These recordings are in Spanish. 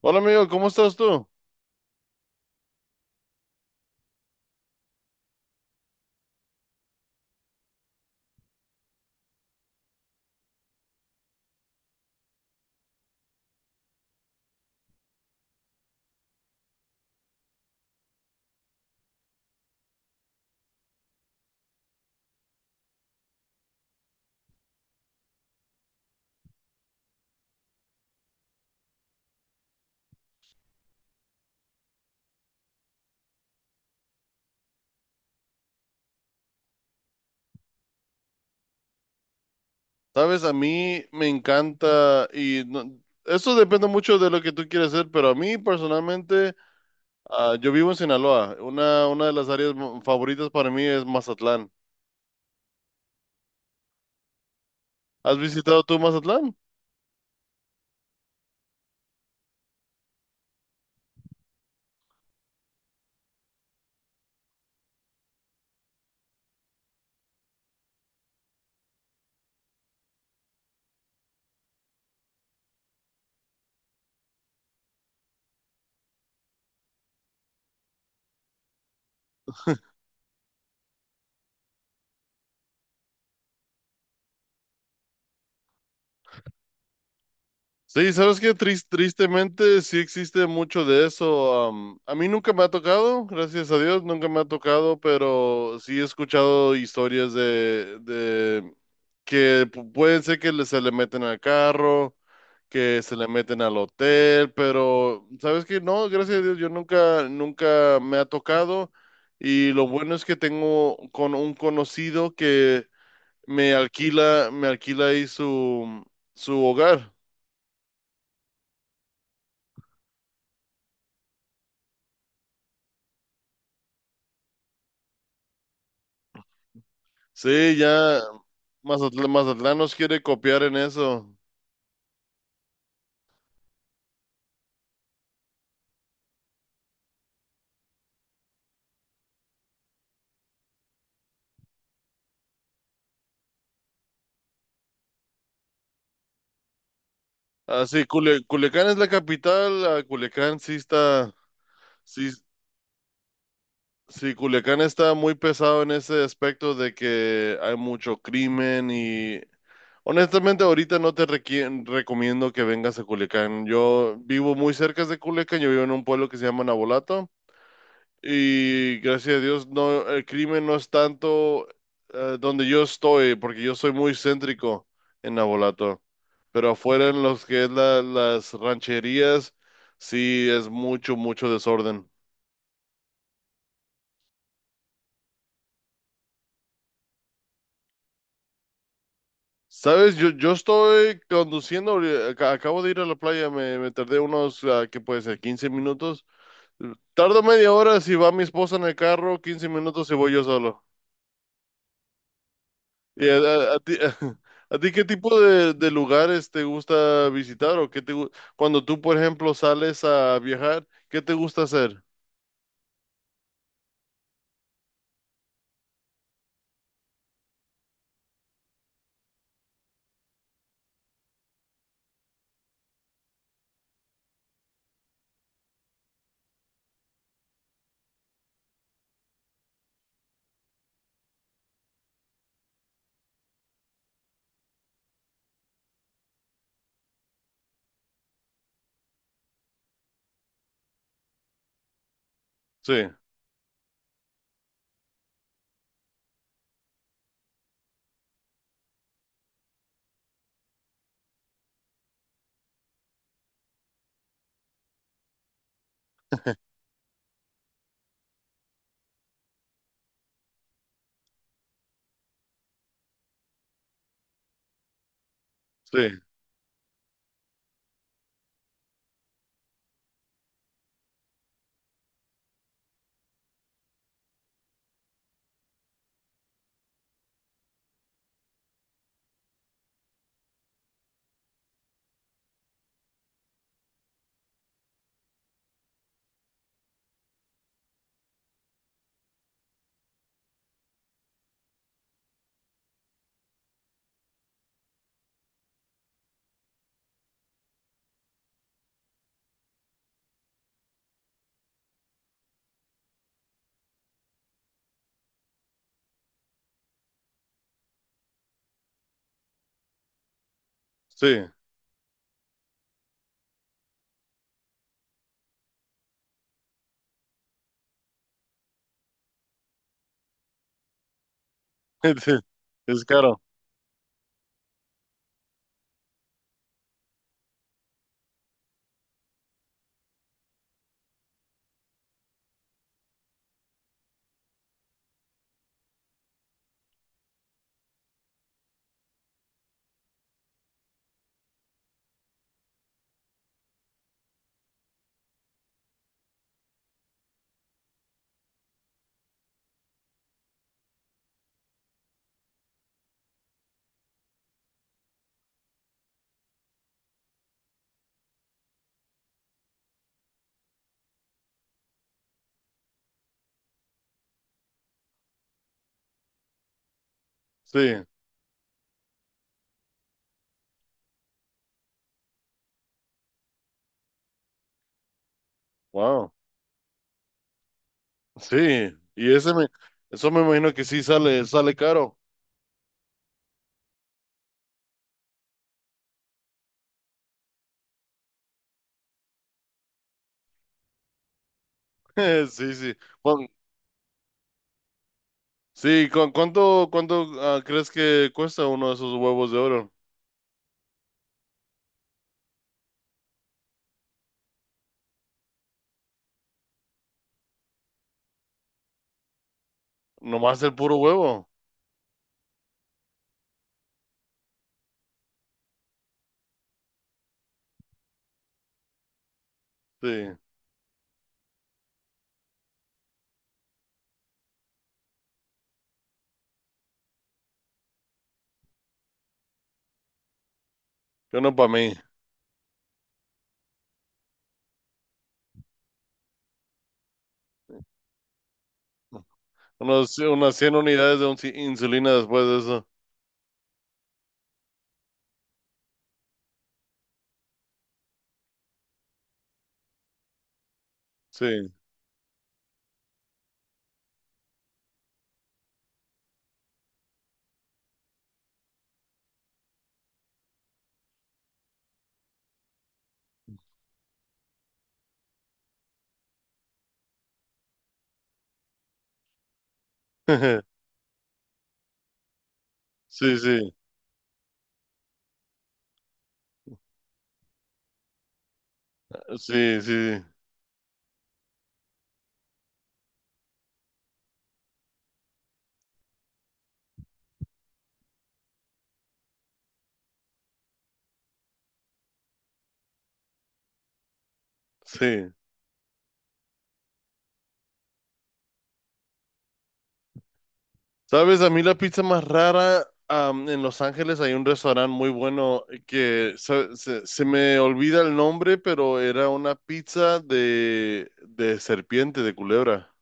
Hola amigo, ¿cómo estás tú? Sabes, a mí me encanta y eso depende mucho de lo que tú quieras hacer, pero a mí personalmente, yo vivo en Sinaloa. Una de las áreas favoritas para mí es Mazatlán. ¿Has visitado tú Mazatlán? Sí, sabes que tristemente sí existe mucho de eso. A mí nunca me ha tocado, gracias a Dios, nunca me ha tocado, pero sí he escuchado historias de que pueden ser que se le meten al carro, que se le meten al hotel, pero sabes que no, gracias a Dios, yo nunca, nunca me ha tocado. Y lo bueno es que tengo con un conocido que me alquila ahí su, su hogar. Sí, ya Mazatlán nos quiere copiar en eso. Así, Culiacán es la capital, Culiacán sí está, sí. Sí, Culiacán está muy pesado en ese aspecto de que hay mucho crimen y honestamente ahorita no te recomiendo que vengas a Culiacán. Yo vivo muy cerca de Culiacán, yo vivo en un pueblo que se llama Navolato y gracias a Dios no, el crimen no es tanto donde yo estoy porque yo soy muy céntrico en Navolato, pero afuera en los que es las rancherías sí es mucho, mucho desorden. Sabes, yo estoy conduciendo, acabo de ir a la playa, me tardé unos, ¿qué puede ser?, 15 minutos. Tardo media hora si va mi esposa en el carro, 15 minutos si voy yo solo. ¿Y a, a ti, a ti qué tipo de lugares te gusta visitar o qué cuando tú, por ejemplo, sales a viajar, ¿qué te gusta hacer? Sí, sí, sí, sí, es caro, sí, wow, sí, y ese eso me imagino que sí sale, sale caro. Sí, sí. Bueno, sí, ¿cuánto, cuánto crees que cuesta uno de esos huevos de oro? Nomás el puro huevo. Sí, que uno para mí. Unos, unas 100 unidades de insulina después de eso. Sí. Sí, sí, sí, sí, sí. ¿Sabes? A mí la pizza más rara, am, en Los Ángeles hay un restaurante muy bueno que se, se me olvida el nombre, pero era una pizza de serpiente, de culebra.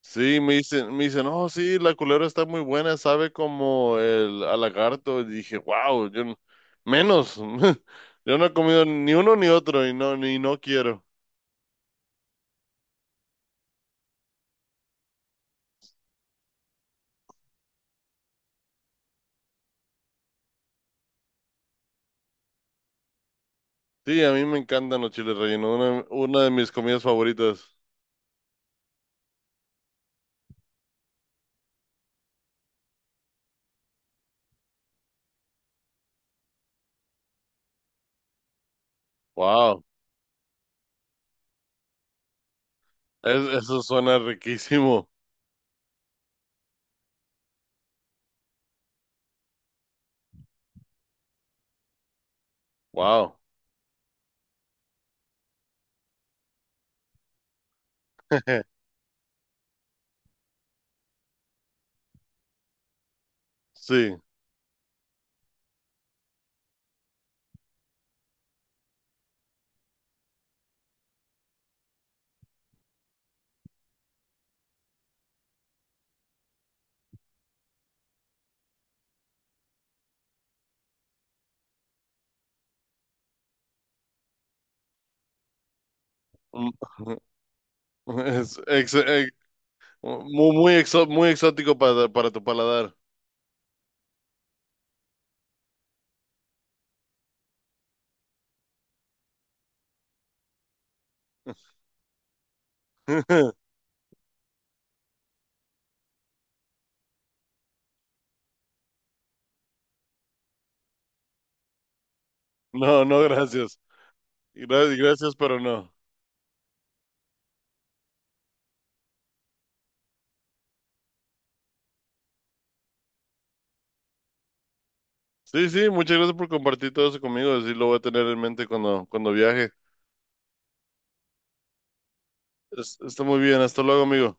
Sí, me dicen, oh, sí, la culebra está muy buena, sabe como el al lagarto. Y dije, wow, yo menos. Yo no he comido ni uno ni otro y no, ni no quiero. Sí, a mí me encantan los chiles rellenos, una de mis comidas favoritas. Wow, eso suena riquísimo. Wow, sí. Mm, Es ex- ex- muy, muy, muy exótico para tu paladar. No, no, gracias. Gracias, pero no. Sí, sí, muchas gracias por compartir todo eso conmigo. Así lo voy a tener en mente cuando, cuando viaje. Está muy bien. Hasta luego, amigo.